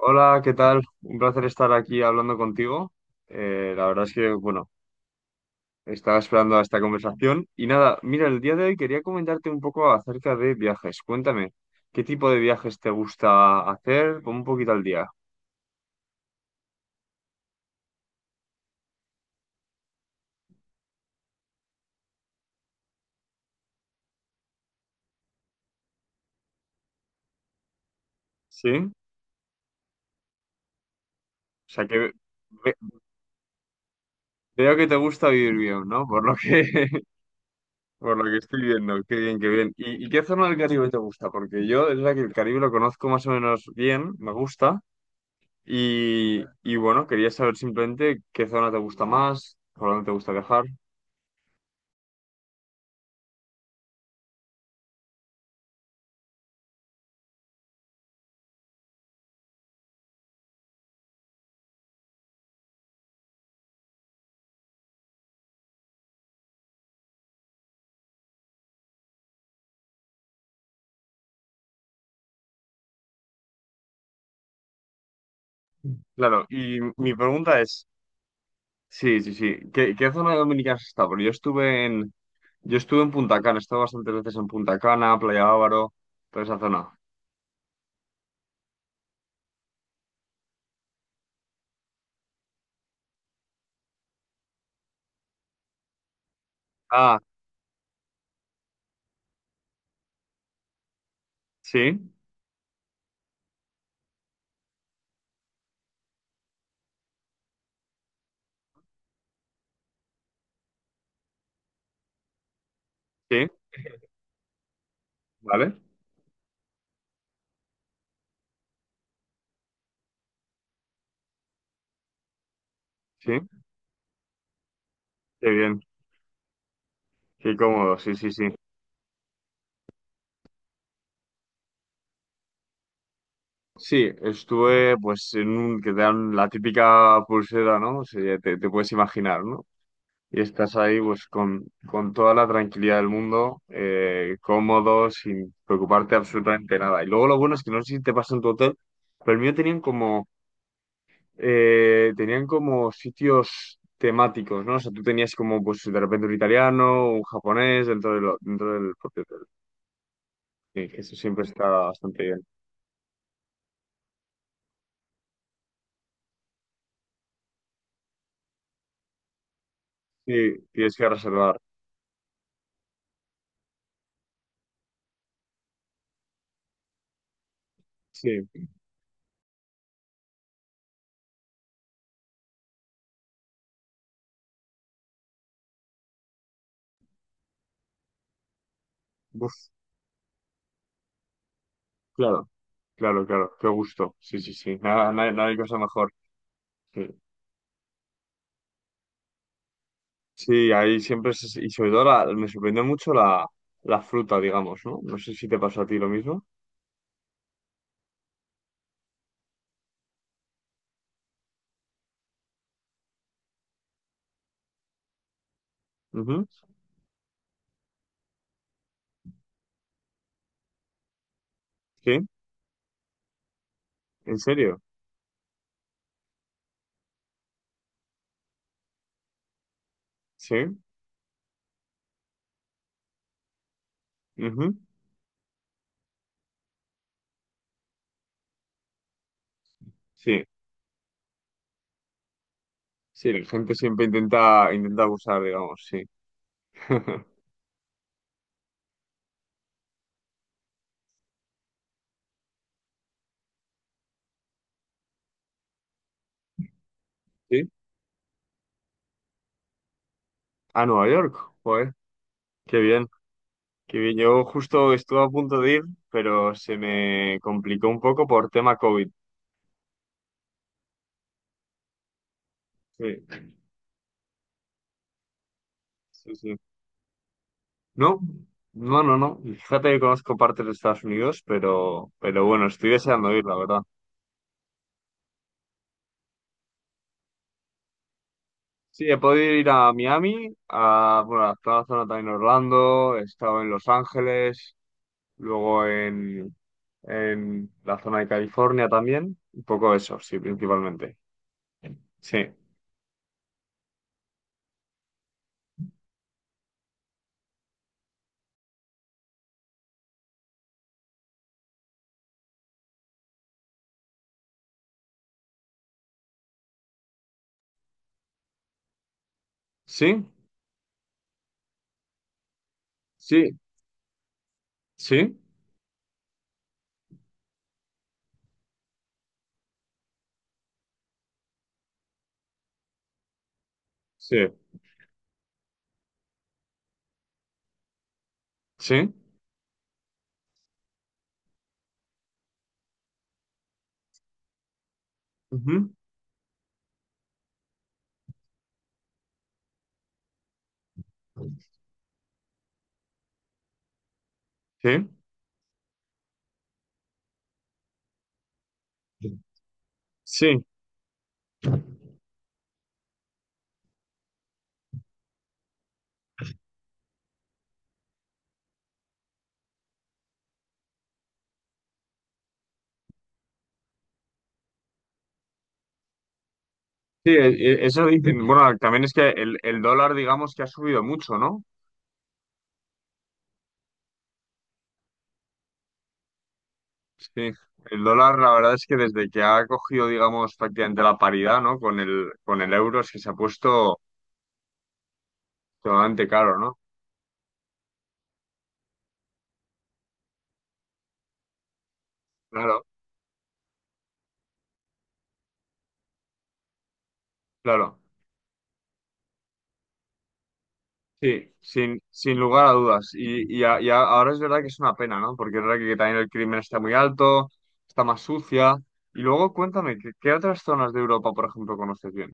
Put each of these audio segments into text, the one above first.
Hola, ¿qué tal? Un placer estar aquí hablando contigo. La verdad es que, bueno, estaba esperando a esta conversación. Y nada, mira, el día de hoy quería comentarte un poco acerca de viajes. Cuéntame, ¿qué tipo de viajes te gusta hacer? Pon un poquito al día. ¿Sí? O sea que ve- veo que te gusta vivir bien, ¿no? Por lo que, por lo que estoy viendo. Qué bien, qué bien. ¿Y qué zona del Caribe te gusta? Porque yo es la que el Caribe lo conozco más o menos bien, me gusta. Y bueno, quería saber simplemente qué zona te gusta más, por dónde te gusta viajar. Claro, y mi pregunta es, sí, sí, sí, ¿qué zona de Dominicana has estado? Porque yo estuve en Punta Cana, he estado bastantes veces en Punta Cana, Playa Bávaro, toda esa zona. Ah, sí, sí, vale, sí, qué bien, qué cómodo, sí, sí, sí. Sí, estuve pues en un, que te dan la típica pulsera, ¿no? O sea, ya te puedes imaginar, ¿no? Y estás ahí pues con toda la tranquilidad del mundo, cómodo, sin preocuparte absolutamente nada. Y luego lo bueno es que no sé si te pasa en tu hotel, pero el mío tenían como sitios temáticos, ¿no? O sea, tú tenías como pues de repente un italiano, un japonés dentro del propio hotel. Sí, que eso siempre está bastante bien. Sí, tienes que reservar. Sí, uf, claro, claro, claro, qué gusto. Sí, sí, sí, nada, no hay cosa mejor. Sí. Sí, ahí siempre se. Y sobre todo me sorprendió mucho la fruta, digamos, ¿no? No sé si te pasó a ti lo mismo. Ujú, sí, en serio. Sí, ujú, sí, sí, la gente siempre intenta, intenta abusar, digamos, sí. ¿Sí? A Nueva York, joder, qué bien, qué bien. Yo justo estuve a punto de ir, pero se me complicó un poco por tema COVID. Sí, sí, sí. No, no, no, no. Fíjate que conozco partes de Estados Unidos, pero bueno, estoy deseando ir, la verdad. Sí, he podido ir a Miami, bueno, he estado zona también en Orlando, he estado en Los Ángeles, luego en la zona de California también, un poco eso, sí, principalmente. Sí, sí, sí, sí, sí, sí, ujú, sí. Sí, sí, eso dicen. Bueno, también es que el dólar, digamos que ha subido mucho, ¿no? Sí, el dólar, la verdad es que desde que ha cogido, digamos, prácticamente la paridad, ¿no? Con el euro, es que se ha puesto totalmente caro, ¿no? Claro, claro. Sí, sin lugar a dudas. Y ahora es verdad que es una pena, ¿no? Porque es verdad que, también el crimen está muy alto, está más sucia. Y luego cuéntame, ¿qué otras zonas de Europa, por ejemplo, conoces bien?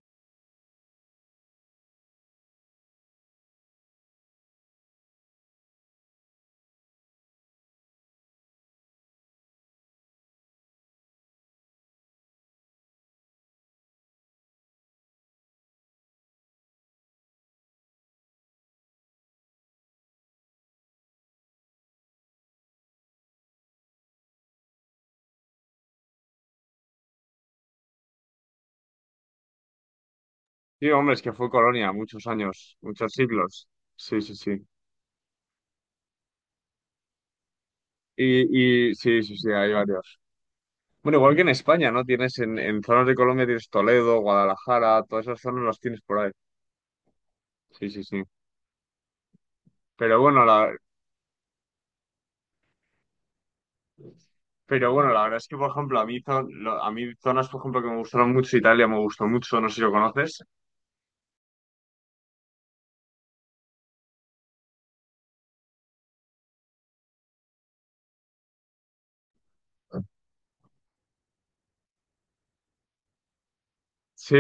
Sí, hombre, es que fue colonia muchos años, muchos siglos. Sí, sí, sí. Y sí, sí, sí, hay varios. Bueno, igual que en España, ¿no? Tienes en zonas de Colombia tienes Toledo, Guadalajara, todas esas zonas las tienes por ahí. Sí, sí, sí. Pero bueno, la, pero bueno, la verdad es que, por ejemplo, a mí, zonas, por ejemplo, que me gustaron mucho, Italia me gustó mucho, no sé si lo conoces. Sí.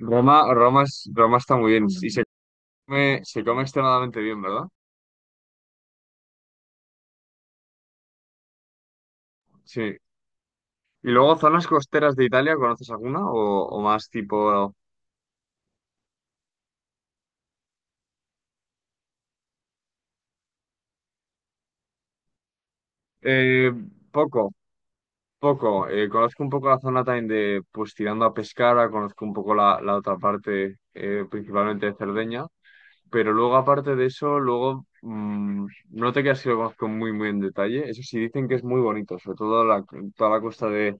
Roma está muy bien y se come extremadamente bien, ¿verdad? Sí. ¿Y luego zonas costeras de Italia, conoces alguna o más tipo? Eh, poco. Poco, conozco un poco la zona también de, pues tirando a Pescara, conozco un poco la otra parte, principalmente de Cerdeña, pero luego aparte de eso, luego no te creas que lo conozco muy, muy en detalle, eso sí dicen que es muy bonito, sobre todo toda la costa de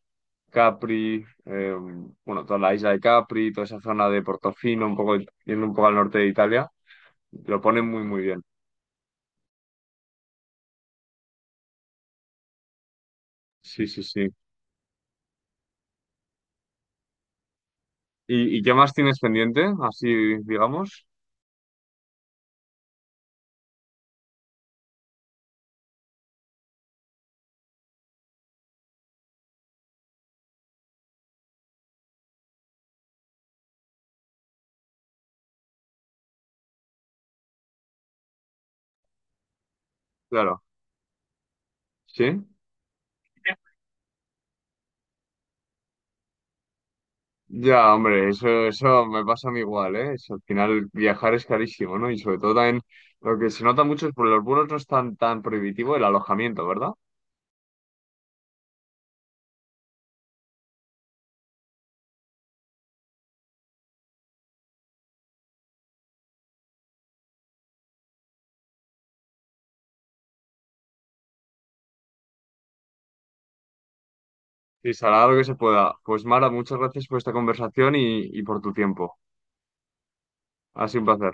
Capri, bueno, toda la isla de Capri, toda esa zona de Portofino, un poco, yendo un poco al norte de Italia, lo ponen muy, muy bien. Sí, sí, sí. ¿Y qué más tienes pendiente? Así, digamos, claro, ¿sí? Ya, hombre, eso me pasa a mí igual, ¿eh? Al final viajar es carísimo, ¿no? Y sobre todo también lo que se nota mucho es por los vuelos no es tan, tan prohibitivo el alojamiento, ¿verdad? Sí, será lo que se pueda. Pues Mara, muchas gracias por esta conversación y por tu tiempo. Ha sido un placer.